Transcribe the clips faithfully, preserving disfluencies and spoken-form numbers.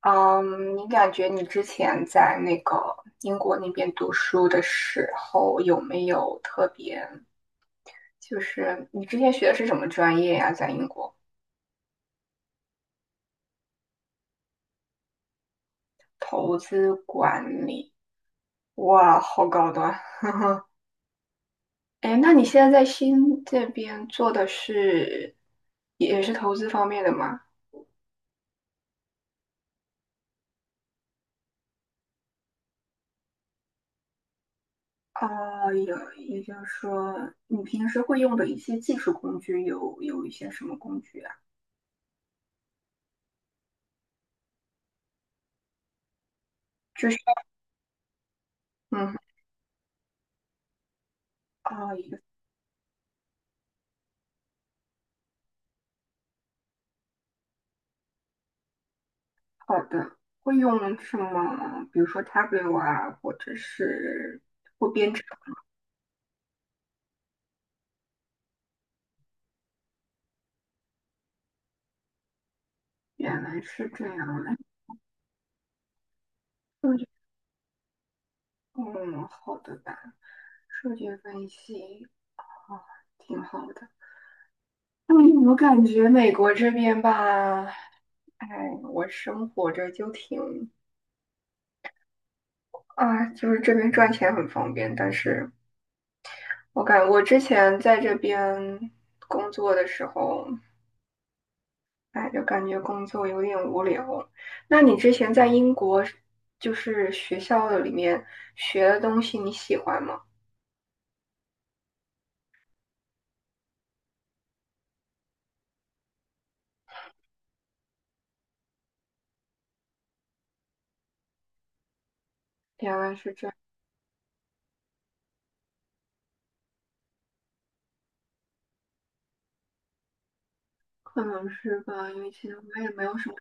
嗯，你感觉你之前在那个英国那边读书的时候，有没有特别，就是你之前学的是什么专业呀？在英国，投资管理，哇，好高端。哎，那你现在在新这边做的是，也是投资方面的吗？啊，有，也就是说，你平时会用的一些技术工具有有一些什么工具啊？就是，嗯，啊。好的，会用什么？比如说 t a b l e 啊，或者是或编程。原来是这样的，数据，嗯，好的吧，数据分析，啊，挺好的。嗯，我感觉美国这边吧，哎，我生活着就挺，啊，就是这边赚钱很方便，但是我感我之前在这边工作的时候，哎，就感觉工作有点无聊。那你之前在英国，就是学校的里面学的东西，你喜欢吗？原来是这样，可能是吧，因为其实我也没有什么。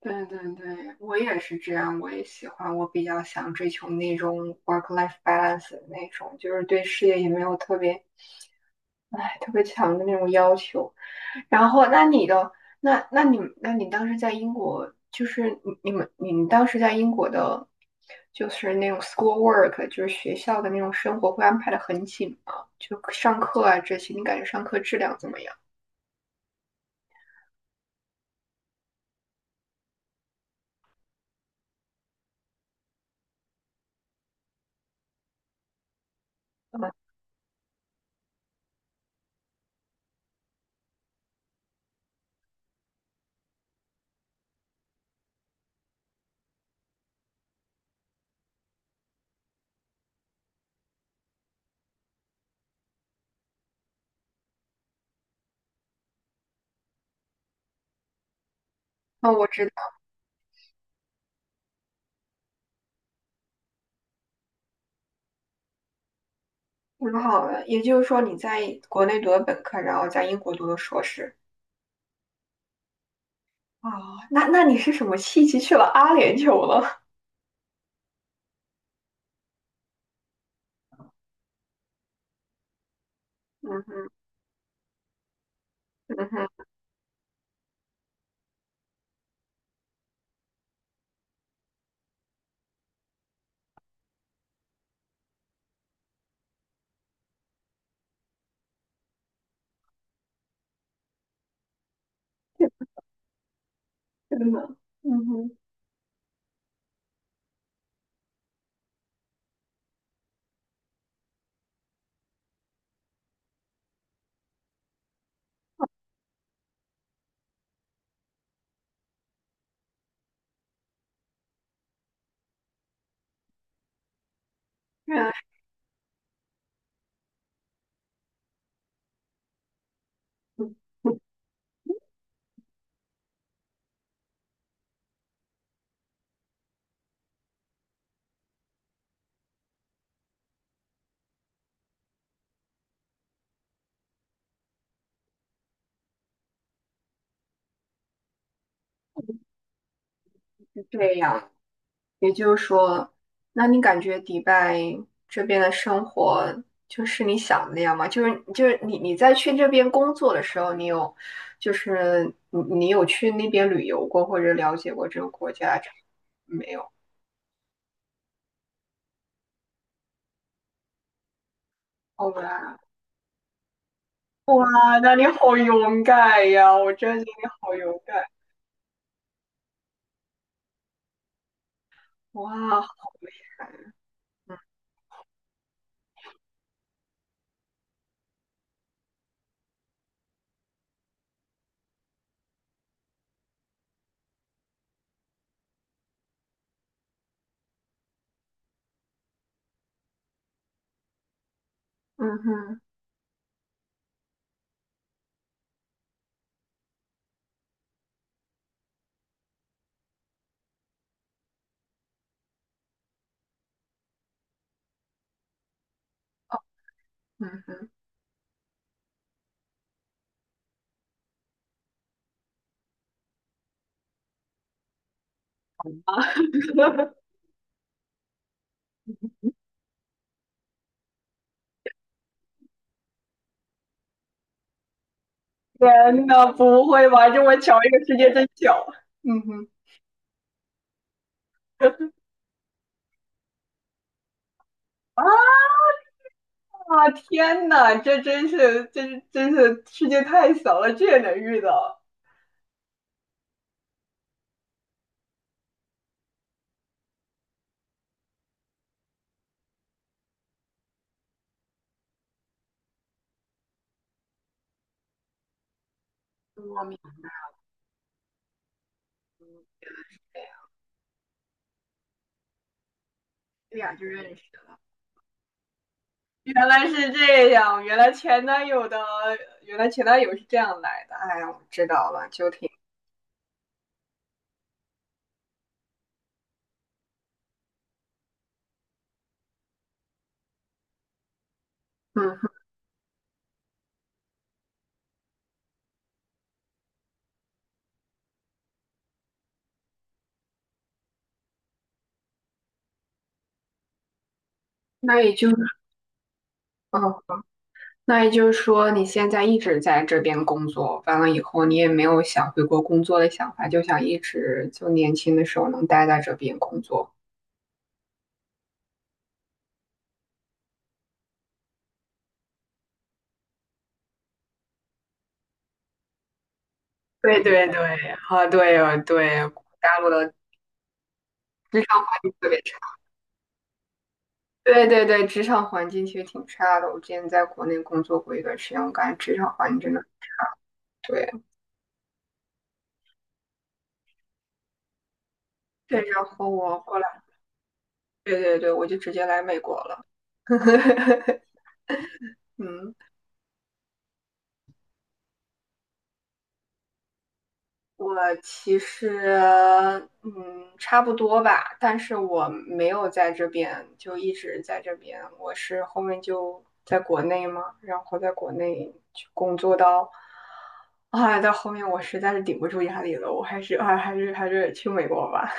对对对，我也是这样，我也喜欢，我比较想追求那种 work-life balance 的那种，就是对事业也没有特别，哎，特别强的那种要求。然后，那你的那那你那你当时在英国，就是你你们你们当时在英国的，就是那种 school work，就是学校的那种生活会安排的很紧吗？就上课啊这些，你感觉上课质量怎么样？嗯，那我知道，挺好的。也就是说，你在国内读的本科，然后在英国读的硕士。哦，那那你是什么契机去了阿联酋了？嗯哼，嗯哼，真的，嗯哼，原来是这样。也就是说，那你感觉迪拜这边的生活就是你想的那样吗？就是就是你你在去这边工作的时候，你有就是你你有去那边旅游过或者了解过这个国家没有？哦，哇，哇，那你好勇敢呀！我真的觉得你好勇敢，哇，好厉害！嗯，嗯哼，嗯哼，天呐，不会吧？这么巧，这个世界真小。嗯哼，啊，啊，天呐，这真是，这是真是世界太小了，这也能遇到？我明白呀，这俩就认识了。原来是这样，原来前男友的，原来前男友是这样来的。哎呀，我知道了，就挺，嗯，那也就是，哦，那也就是说，你现在一直在这边工作，完了以后你也没有想回国工作的想法，就想一直就年轻的时候能待在这边工作。对对对，啊，对哦对，大陆的职场特别，对对对，职场环境其实挺差的。我之前在国内工作过一段时间，我感觉职场环境真的对。对，然后我后来，对对对，我就直接来美国了。嗯，我其实，嗯，差不多吧，但是我没有在这边，就一直在这边。我是后面就在国内嘛，然后在国内去工作到，啊，到后面我实在是顶不住压力了，我还是啊还是还是去美国吧。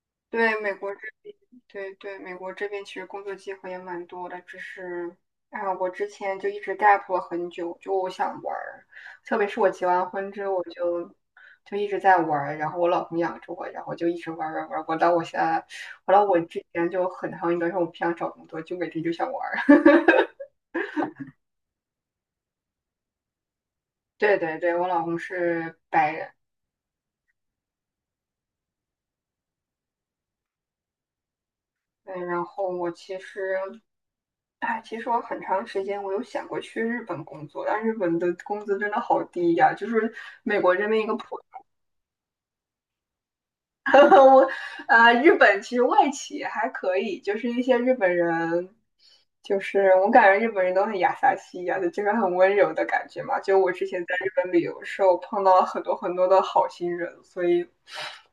对，美国。对对，美国这边其实工作机会也蛮多的，只是啊，我之前就一直 gap 了很久，就我想玩儿，特别是我结完婚之后，我就就一直在玩儿，然后我老公养着我，然后就一直玩儿玩儿玩儿，我到我现在，我到我之前就很长一段时间我不想找工作，就每天就想玩儿。对对对，我老公是白人，嗯，然后我其实，哎，其实我很长时间我有想过去日本工作，但日本的工资真的好低呀，就是美国这边一个普 我，呃，日本其实外企还可以，就是一些日本人，就是我感觉日本人都很雅萨西亚的，就是很温柔的感觉嘛。就我之前在日本旅游的时候，碰到了很多很多的好心人，所以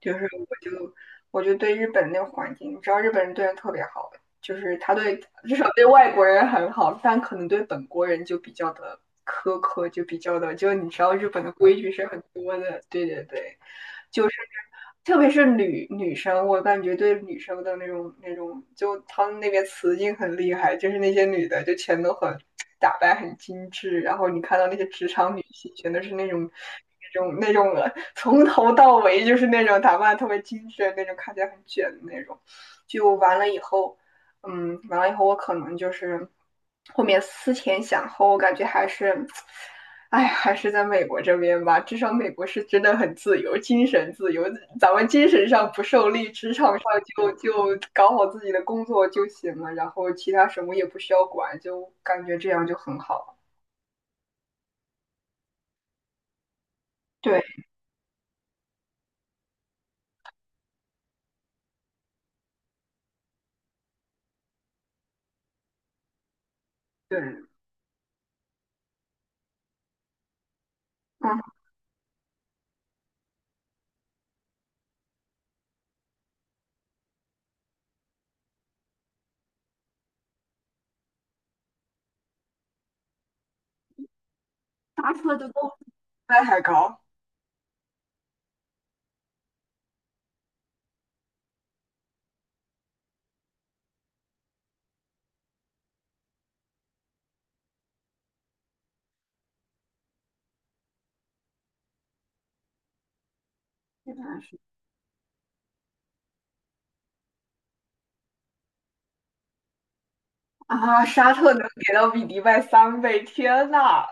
就是我就我就对日本那个环境，你知道日本人对人特别好，就是他对至少对外国人很好，但可能对本国人就比较的苛刻，就比较的，就你知道日本的规矩是很多的，对对对。就是特别是女女生，我感觉对女生的那种那种，就他们那边雌竞很厉害，就是那些女的就全都很打扮很精致，然后你看到那些职场女性，全都是那种那种那种从头到尾就是那种打扮特别精致的那种，看起来很卷的那种，就完了以后。嗯，完了以后我可能就是后面思前想后，我感觉还是，哎，还是在美国这边吧。至少美国是真的很自由，精神自由，咱们精神上不受力，职场上就就搞好自己的工作就行了，然后其他什么也不需要管，就感觉这样就很好。对对，嗯，沙特的工资迪拜还高啊，沙特能给到比迪拜三倍，天呐！